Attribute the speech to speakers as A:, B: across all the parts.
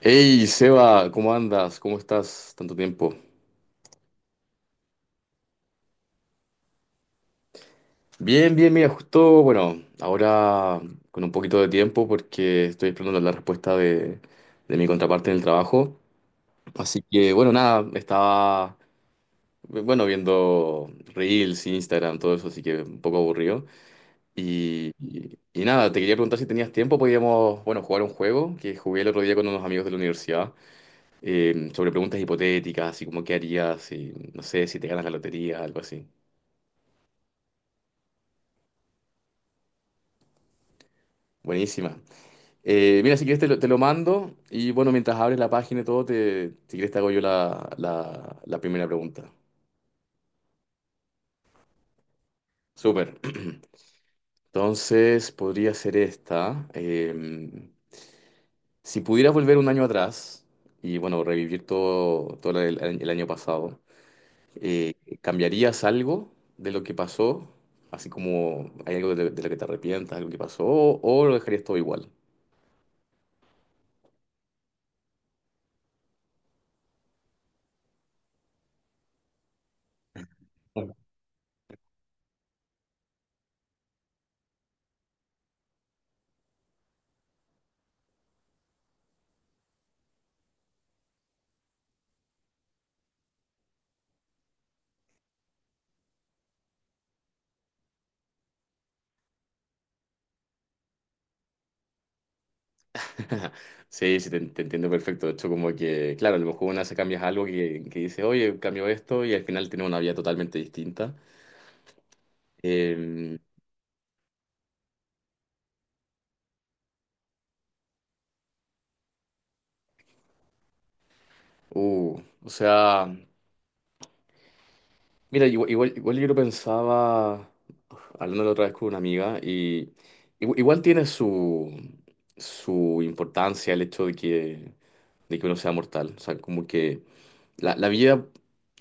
A: Hey, Seba, ¿cómo andas? ¿Cómo estás? Tanto tiempo. Bien, bien, mira, justo, bueno, ahora con un poquito de tiempo porque estoy esperando la respuesta de mi contraparte en el trabajo. Así que, bueno, nada, estaba, bueno, viendo Reels, Instagram, todo eso, así que un poco aburrido. Y nada, te quería preguntar si tenías tiempo, podíamos, bueno, jugar un juego que jugué el otro día con unos amigos de la universidad sobre preguntas hipotéticas, así como qué harías, si, no sé, si te ganas la lotería, algo así. Buenísima. Mira, si quieres te lo mando y bueno, mientras abres la página y todo, te, si quieres te hago yo la primera pregunta. Súper. Entonces, podría ser esta. Si pudieras volver un año atrás y bueno, revivir todo el año pasado, eh, ¿cambiarías algo de lo que pasó? Así como hay algo de lo que te arrepientas, algo que pasó, o lo dejarías todo igual. Sí, sí, te entiendo perfecto. De hecho, como que, claro, a lo mejor una se cambias algo que dice, oye, cambio esto y al final tiene una vida totalmente distinta. Eh, o sea, mira, igual yo lo pensaba, hablando la otra vez con una amiga, y igual, tiene su importancia el hecho de que uno sea mortal. O sea, como que la vida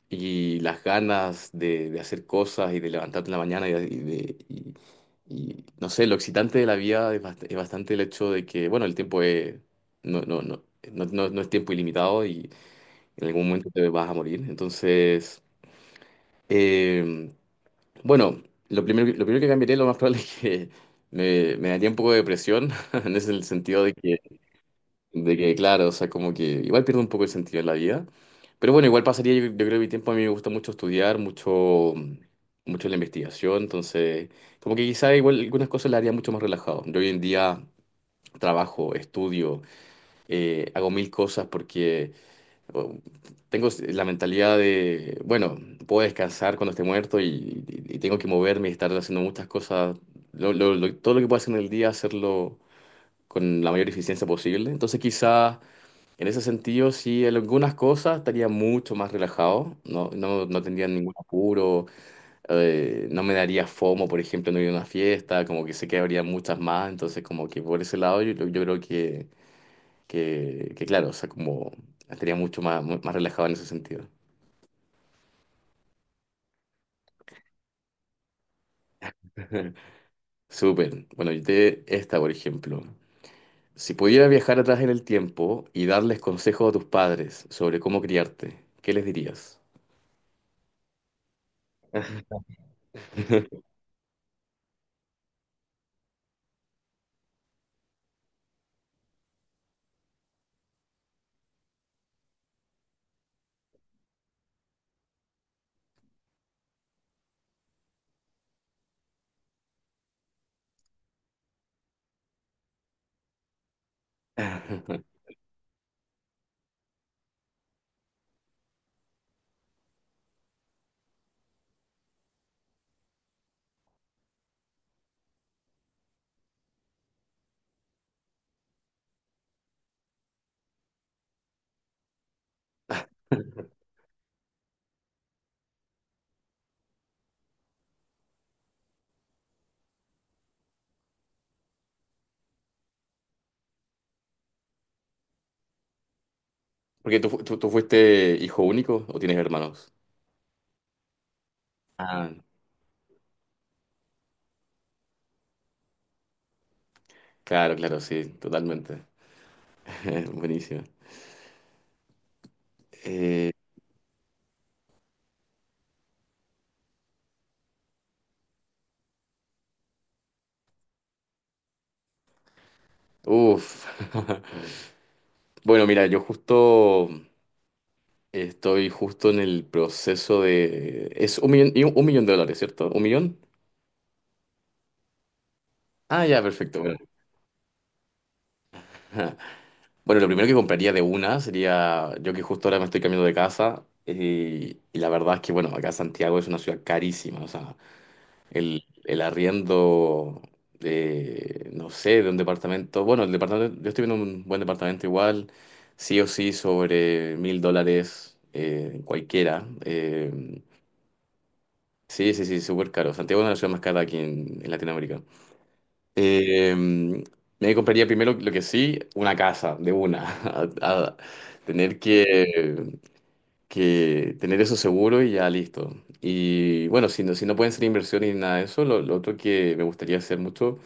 A: y las ganas de hacer cosas y de levantarte en la mañana y, no sé, lo excitante de la vida es, es bastante el hecho de que, bueno, el tiempo es, no, no, no, no es tiempo ilimitado y en algún momento te vas a morir. Entonces, eh, bueno, lo primero, lo primero que cambiaría lo más probable es que me daría un poco de depresión, en ese sentido de que claro, o sea, como que igual pierdo un poco el sentido de la vida. Pero bueno, igual pasaría, yo creo que mi tiempo a mí me gusta mucho estudiar, mucho la investigación, entonces, como que quizá igual algunas cosas las haría mucho más relajado. Yo hoy en día trabajo, estudio, hago mil cosas porque oh, tengo la mentalidad de, bueno, puedo descansar cuando esté muerto y tengo que moverme y estar haciendo muchas cosas. Todo lo que pueda hacer en el día, hacerlo con la mayor eficiencia posible. Entonces, quizá... En ese sentido, sí, en algunas cosas estaría mucho más relajado, no tendría ningún apuro, no me daría FOMO, por ejemplo, no ir a una fiesta, como que sé que habría muchas más, entonces como que por ese lado yo creo que claro, o sea, como estaría mucho más, más relajado en ese sentido. Súper. Bueno, yo te esta, por ejemplo. Si pudieras viajar atrás en el tiempo y darles consejos a tus padres sobre cómo criarte, ¿qué les dirías? Porque tú, tú fuiste hijo único o tienes hermanos. Ah, claro, claro, sí, totalmente. Buenísimo. Eh, uf. Bueno, mira, yo justo estoy justo en el proceso de... Es un millón, y un millón de dólares, ¿cierto? ¿Un millón? Ah, ya, perfecto. Bueno. Ajá. Bueno, lo primero que compraría de una sería, yo que justo ahora me estoy cambiando de casa, y la verdad es que, bueno, acá Santiago es una ciudad carísima, o sea, el arriendo no sé, de un departamento. Bueno, el departamento, yo estoy viendo un buen departamento igual, sí o sí, sobre 1.000 dólares cualquiera. Sí, sí, sí, súper caro. Santiago es una de las ciudades más caras aquí en Latinoamérica. Eh, me compraría primero, lo que sí, una casa, de una. A tener que tener eso seguro y ya listo. Y bueno, si no, si no pueden ser inversiones ni nada de eso, lo otro que me gustaría hacer mucho.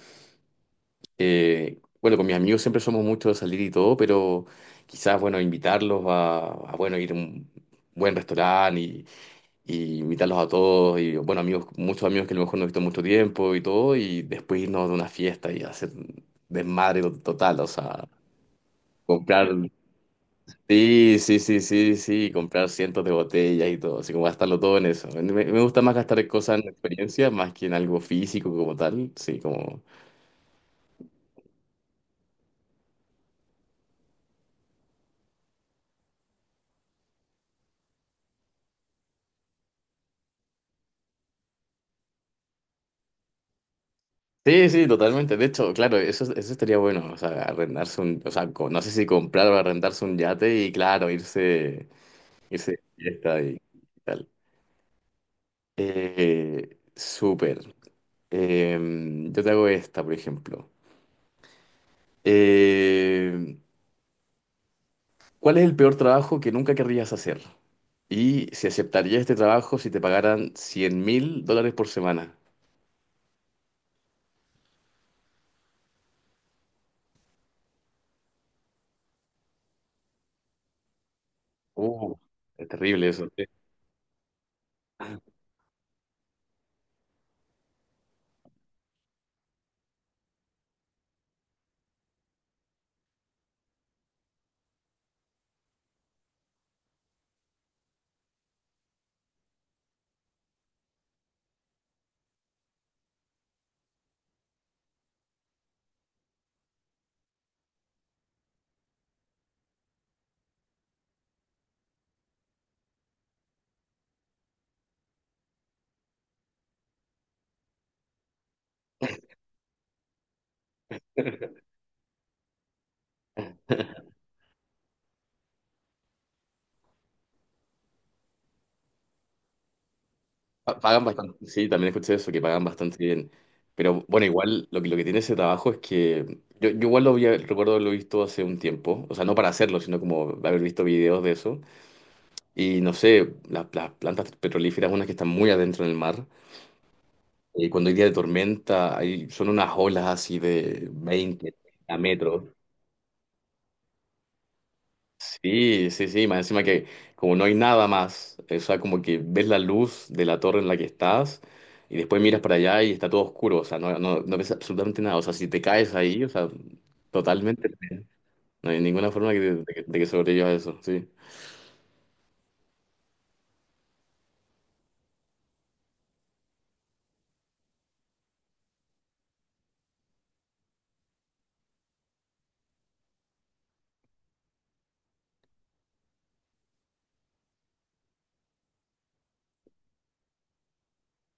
A: Bueno, con mis amigos siempre somos muchos de salir y todo, pero quizás, bueno, invitarlos bueno, ir a un buen restaurante y invitarlos a todos. Y, bueno, amigos, muchos amigos que a lo mejor no he visto en mucho tiempo y todo, y después irnos de una fiesta y hacer desmadre total, o sea, comprar. Sí, sí, sí, sí, sí, comprar cientos de botellas y todo, así como gastarlo todo en eso. Me gusta más gastar en cosas en experiencias más que en algo físico como tal, sí, como. Sí, sí, totalmente. De hecho, claro, eso estaría bueno, o sea, arrendarse un, o sea, no sé si comprar o arrendarse un yate y claro, irse, irse de fiesta y, tal. Súper. Em, yo te hago esta, por ejemplo. Em, ¿Cuál es el peor trabajo que nunca querrías hacer? Y si aceptarías este trabajo si te pagaran 100.000 dólares por semana. Uh, es terrible eso. Pagan bastante, sí, también escuché eso, que pagan bastante bien. Pero bueno, igual lo que tiene ese trabajo es que yo igual lo había, recuerdo haberlo visto hace un tiempo, o sea, no para hacerlo, sino como haber visto videos de eso. Y no sé, las plantas petrolíferas, unas que están muy adentro en el mar, cuando hay día de tormenta, hay, son unas olas así de 20 a metros. Sí, sí, sí, más encima que como no hay nada más, o sea, como que ves la luz de la torre en la que estás y después miras para allá y está todo oscuro, o sea, no ves absolutamente nada, o sea, si te caes ahí, o sea, totalmente, no hay ninguna forma que de que sobrevivas a eso, sí.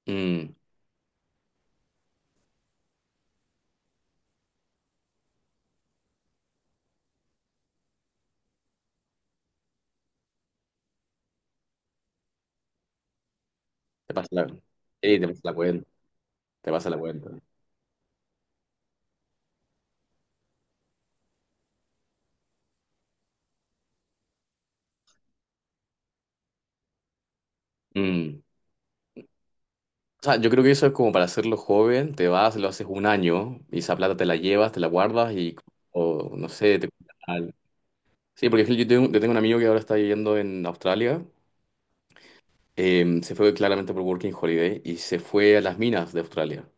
A: Mm, te pasa la, sí, te pasa la cuenta, te pasa la cuenta. Mm. O sea, yo creo que eso es como para hacerlo joven, te vas, lo haces un año y esa plata te la llevas, te la guardas y, o no sé, te... Sí, porque yo tengo un amigo que ahora está viviendo en Australia. Se fue claramente por Working Holiday y se fue a las minas de Australia.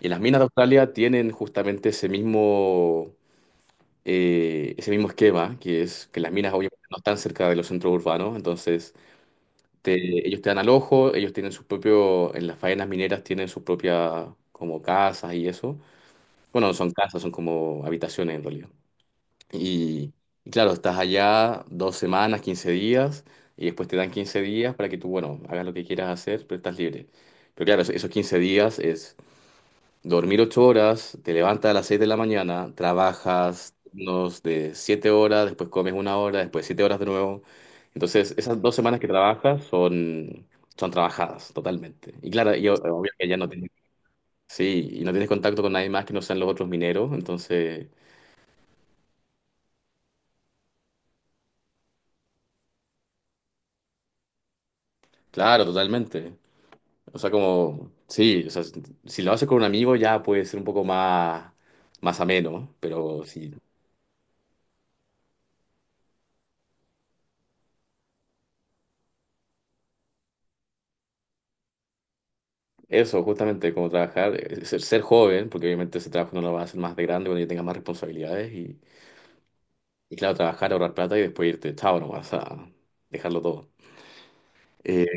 A: Y las minas de Australia tienen justamente ese mismo esquema, que es que las minas obviamente no están cerca de los centros urbanos, entonces te- ellos te dan al ellos tienen su propio, en las faenas mineras tienen sus propias como casas y eso. Bueno, no son casas, son como habitaciones en realidad. Y, y claro, estás allá 2 semanas, 15 días, y después te dan 15 días para que tú, bueno, hagas lo que quieras hacer, pero estás libre. Pero claro, esos 15 días es dormir 8 horas, te levantas a las 6 de la mañana, trabajas unos de 7 horas, después comes una hora, después 7 horas de nuevo. Entonces, esas 2 semanas que trabajas son, son trabajadas totalmente. Y claro, yo, obvio que ya no tienes, sí, y no tienes contacto con nadie más que no sean los otros mineros, entonces, claro, totalmente. O sea, como, sí, o sea, si si lo haces con un amigo ya puede ser un poco más, más ameno, ¿no? Pero si eso, justamente, como trabajar, ser, ser joven, porque obviamente ese trabajo no lo vas a hacer más de grande cuando ya tengas más responsabilidades, y claro, trabajar, ahorrar plata y después irte, chao nomás, a dejarlo todo. Eh,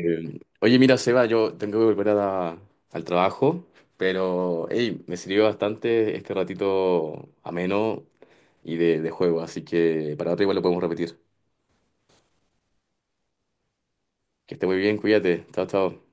A: oye, mira, Seba, yo tengo que volver a al trabajo, pero hey, me sirvió bastante este ratito ameno y de juego, así que para otra igual lo podemos repetir. Que esté muy bien, cuídate. Chao, chao.